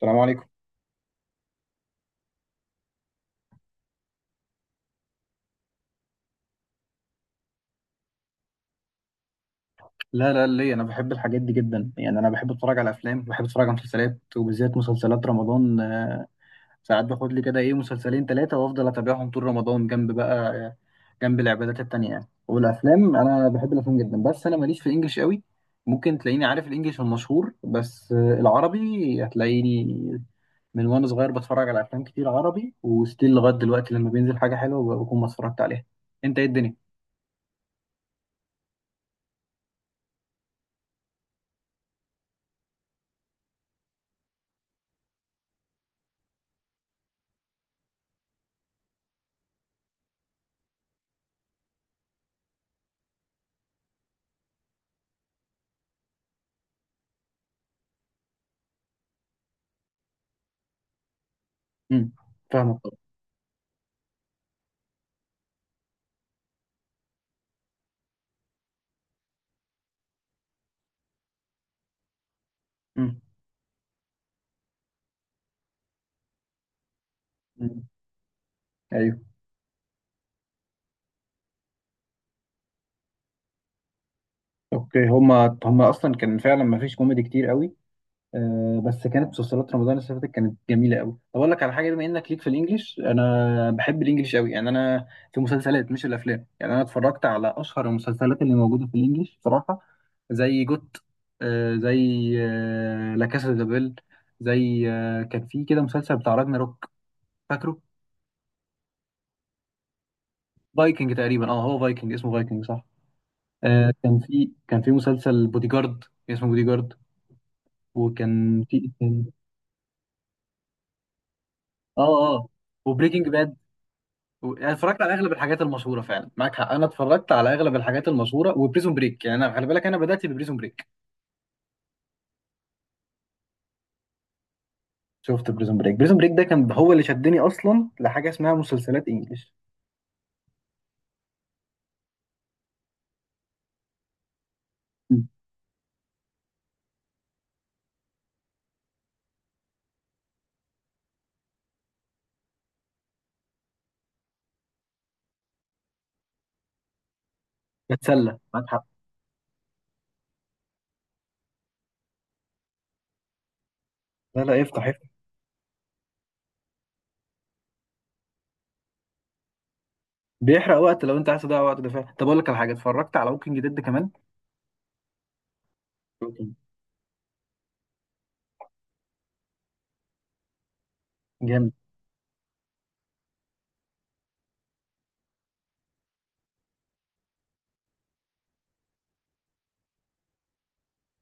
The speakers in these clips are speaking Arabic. السلام عليكم. لا، لا، ليه؟ انا بحب الحاجات دي جدا، يعني انا بحب اتفرج على افلام، بحب اتفرج على مسلسلات، وبالذات مسلسلات رمضان. ساعات باخد لي كده ايه مسلسلين ثلاثه وافضل اتابعهم طول رمضان، جنب بقى جنب العبادات التانية يعني. والافلام انا بحب الافلام جدا، بس انا ماليش في الانجليش قوي. ممكن تلاقيني عارف الانجليش المشهور بس، العربي هتلاقيني من وانا صغير بتفرج على افلام كتير عربي، وستيل لغايه دلوقتي لما بينزل حاجه حلوه بكون ما اتفرجت عليها. انت ايه الدنيا؟ امم فاهمك طبعا. امم. أمم. ايوه. اوكي، هما اصلا كان فعلا ما فيش كوميدي كتير قوي. آه، بس كانت مسلسلات رمضان اللي فاتت كانت جميله قوي. طب اقول لك على حاجه، بما انك ليك في الانجليش، انا بحب الانجليش قوي يعني، انا في مسلسلات مش الافلام. يعني انا اتفرجت على اشهر المسلسلات اللي موجوده في الانجليش بصراحه، زي جوت، زي لا كاسا دي بابيل، زي كان في كده مسلسل بتاع راجناروك، فاكره؟ فايكنج تقريبا، هو فايكنج، اسمه فايكنج، صح. كان في مسلسل بودي جارد، اسمه بودي جارد. وكان في اه اه وبريكنج باد، و... يعني اتفرجت على اغلب الحاجات المشهوره، فعلا معاك حق، انا اتفرجت على اغلب الحاجات المشهوره. وبريزون بريك، يعني انا خلي بالك انا بدات ببريزون بريك. شفت بريزون بريك، بريزون بريك ده كان هو اللي شدني اصلا لحاجه اسمها مسلسلات انجلش. مم. بتسلى، معاك حق. لا، لا، افتح افتح. بيحرق وقت، لو انت عايز تضيع وقت ده فعلا. طب اقول لك على حاجه، اتفرجت على ووكينج ديد كمان. Walking. جامد.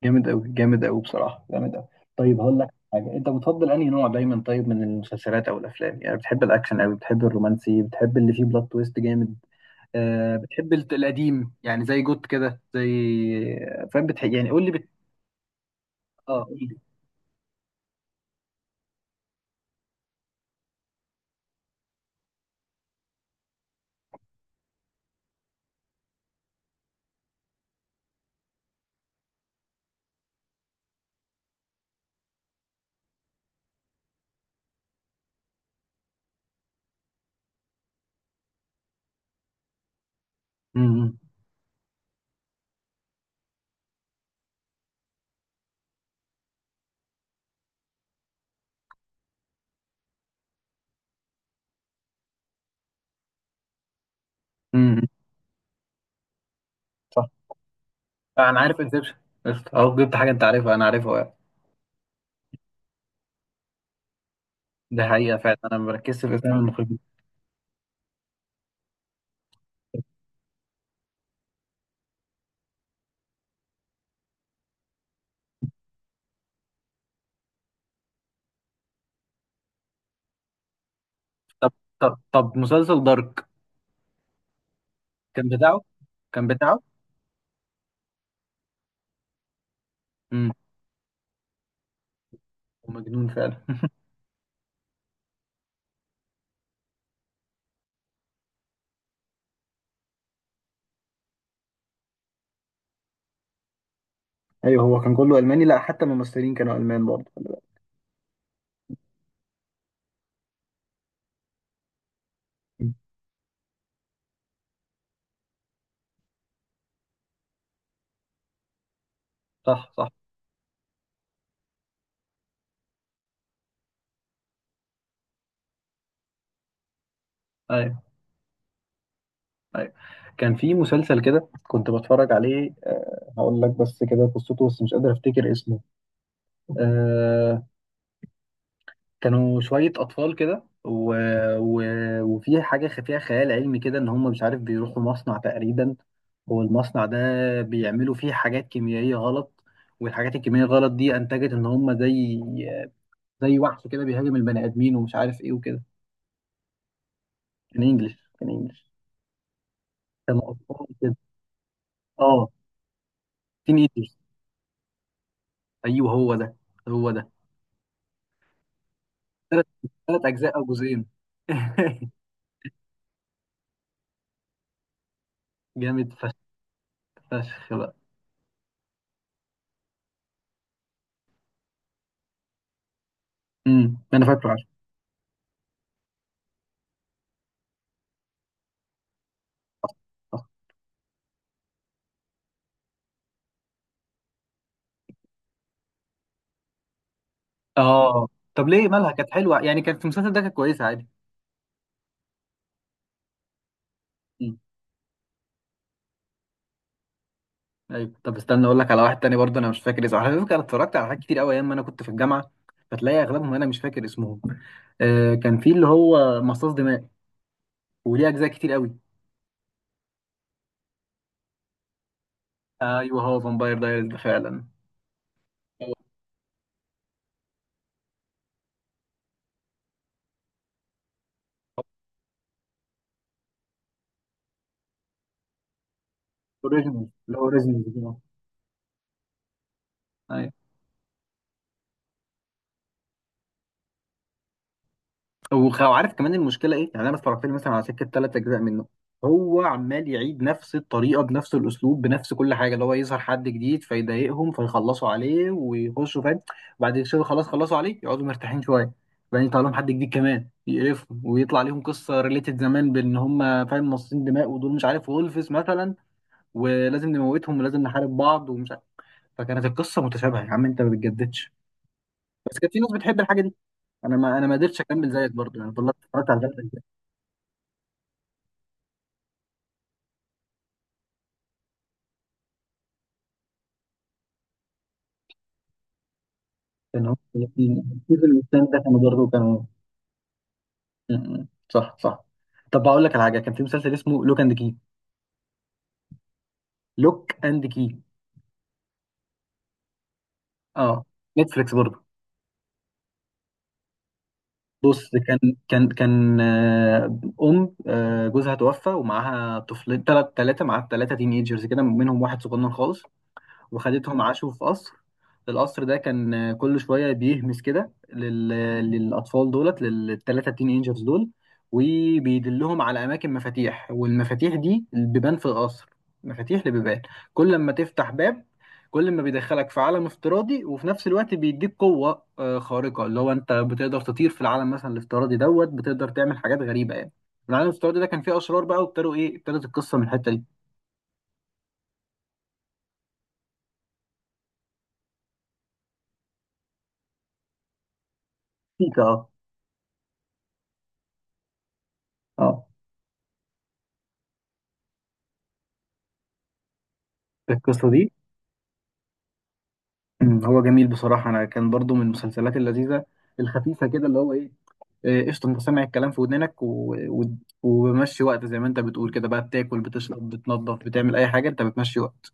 جامد قوي، جامد قوي، بصراحه جامد قوي. طيب هقول لك حاجه، انت بتفضل انهي نوع دايما؟ طيب من المسلسلات او الافلام، يعني بتحب الاكشن قوي؟ بتحب الرومانسي؟ بتحب اللي فيه بلوت تويست جامد؟ آه، بتحب القديم يعني زي جوت كده، زي، فاهم بتحب يعني، قول لي اه، قول لي. امم امم صح. انا عارف انسبشن، اهو جبت حاجه انت عارفها انا عارفها يعني. ده حقيقه، فعلا انا ما بركزش في اسامي المخرجين. طب، طب، طب، مسلسل دارك، كان بتاعه؟ كان بتاعه. امم ومجنون فعلا. ايوه، هو كان كله الماني، لا حتى الممثلين كانوا المان برضه، خلي بالك. مم. صح، صح. ايوه، ايوه، كان في مسلسل كده كنت بتفرج عليه، هقول لك بس كده قصته بس مش قادر افتكر اسمه. آه، كانوا شوية أطفال كده، و وفي حاجة فيها خيال علمي كده، إن هم مش عارف بيروحوا مصنع تقريبا، والمصنع ده بيعملوا فيه حاجات كيميائية غلط، والحاجات الكيميائية غلط دي أنتجت إن هم زي، زي وحش كده بيهاجم البني آدمين ومش عارف إيه وكده. كان إنجلش. كان أطفال كده، آه تين إيجرز. أيوه، هو ده، هو ده، ثلاث ثلاث أجزاء أو جزئين. جامد فشخ، فشخ بقى. أنا فاكره عشان. اه، طب ليه، مالها كانت حلوه يعني، كانت في المسلسل ده كانت كويسه عادي. مم. ايوه، طب استنى اقول لك على واحد تاني برضه، انا مش فاكر اسمه. على فكره انا اتفرجت على حاجات كتير قوي ايام ما انا كنت في الجامعه، فتلاقي اغلبهم انا مش فاكر اسمهم. آه، كان في اللي هو مصاص دماء، وليه اجزاء كتير قوي. ايوه، هو فامباير دايرز ده فعلا. اوريجينال، اللي هو اوريجينال. وعارف كمان المشكله ايه يعني؟ انا اتفرجت لي مثلا على سكه ثلاث اجزاء منه، هو عمال يعيد نفس الطريقه بنفس الاسلوب بنفس كل حاجه، اللي هو يظهر حد جديد فيضايقهم فيخلصوا عليه ويخشوا، فاهم. وبعد كده خلاص خلصوا عليه يقعدوا مرتاحين شويه، بعدين يطلع لهم حد جديد كمان يقرفهم، ويطلع ليهم قصه ريليتد زمان بان هم، فاهم، مصاصين دماء ودول مش عارف وولفز مثلا، ولازم نموتهم ولازم نحارب بعض ومش عارف. فكانت القصه متشابهه، يا عم انت ما بتجددش. بس كانت في ناس بتحب الحاجه دي. انا ما قدرتش اكمل زيك برضه، يعني فضلت اتفرجت على ده، كان هو ستيفن والتاني ده، كانوا برضه كانوا، م- م. صح، صح. طب بقول لك على حاجه، كان في مسلسل اسمه لوك اند كي. لوك اند كي. اه، نتفليكس برضه. بص، كان آه، ام آه، جوزها توفى، ومعاها طفلين، ثلاثه، معاها ثلاثه تين ايجرز كده، منهم واحد صغنن خالص، وخدتهم عاشوا في قصر. القصر ده كان، كل شوية بيهمس كده للأطفال دولت، للثلاثة تين اينجرز دول، وبيدلهم على أماكن مفاتيح، والمفاتيح دي بيبان في القصر، مفاتيح لبيبان، كل ما تفتح باب كل ما بيدخلك في عالم افتراضي، وفي نفس الوقت بيديك قوة خارقة، اللي هو انت بتقدر تطير في العالم مثلا الافتراضي دوت، بتقدر تعمل حاجات غريبة يعني. العالم الافتراضي ده كان فيه أشرار بقى، وابتدوا ايه، ابتدت القصة من الحتة دي. اه، اه، القصة دي، هو جميل بصراحة. أنا كان برضو من المسلسلات اللذيذة الخفيفة كده، اللي هو إيه، قشطة. أنت سامع الكلام في ودنك، و وبمشي وقت زي ما أنت بتقول كده بقى، بتاكل بتشرب بتنظف بتعمل أي حاجة، أنت بتمشي وقت.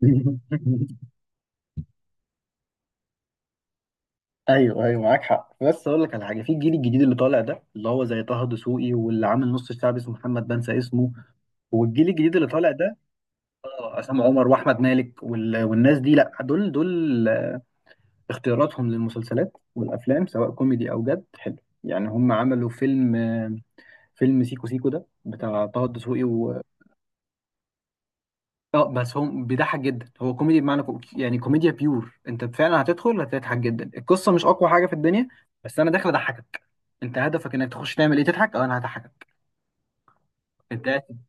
ايوه، ايوه، معاك حق، بس اقول لك على حاجه، في الجيل الجديد اللي طالع ده، اللي هو زي طه دسوقي، واللي عامل نص الشعب اسمه محمد، بنسى اسمه. والجيل الجديد اللي طالع ده، عصام عمر، واحمد مالك، والناس دي، لا، دول دول اختياراتهم للمسلسلات والافلام سواء كوميدي او جد حلو. يعني هم عملوا فيلم سيكو سيكو ده بتاع طه الدسوقي. اه، بس هو بيضحك جدا، هو كوميدي بمعنى يعني كوميديا بيور. انت فعلا هتدخل هتضحك جدا، القصه مش اقوى حاجه في الدنيا، بس انا داخل اضحكك. انت هدفك انك تخش تعمل ايه؟ تضحك. اه، انا هضحكك. انت قاعد،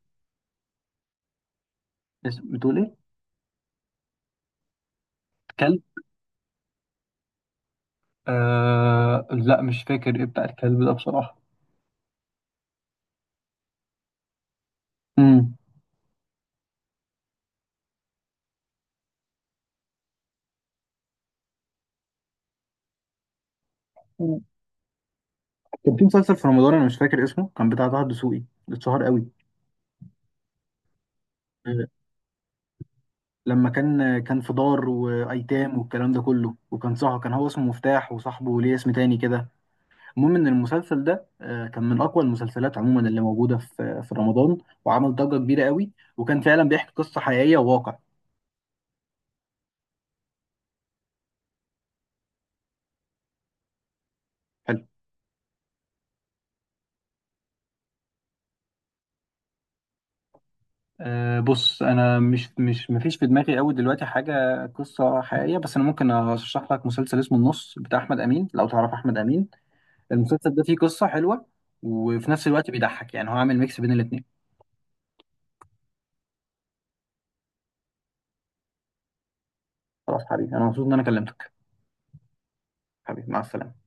بتقول ايه؟ كلب. لا، مش فاكر ايه بتاع الكلب ده بصراحه. امم كان في مسلسل في رمضان انا مش فاكر اسمه كان بتاع طه الدسوقي، اتشهر قوي. آه، لما كان في دار وايتام والكلام ده كله، وكان صح كان هو اسمه مفتاح وصاحبه ليه اسم تاني كده. المهم ان المسلسل ده كان من اقوى المسلسلات عموما اللي موجوده في رمضان، وعمل ضجه كبيره قوي، وكان فعلا بيحكي قصه حقيقيه وواقع. حلو. أه، بص انا مش مفيش في دماغي قوي دلوقتي حاجه قصه حقيقيه، بس انا ممكن ارشح لك مسلسل اسمه النص بتاع احمد امين، لو تعرف احمد امين. المسلسل ده فيه قصه حلوه، وفي نفس الوقت بيضحك، يعني هو عامل ميكس بين الاثنين. خلاص حبيبي، انا مبسوط ان انا كلمتك. حبيبي، مع السلامة.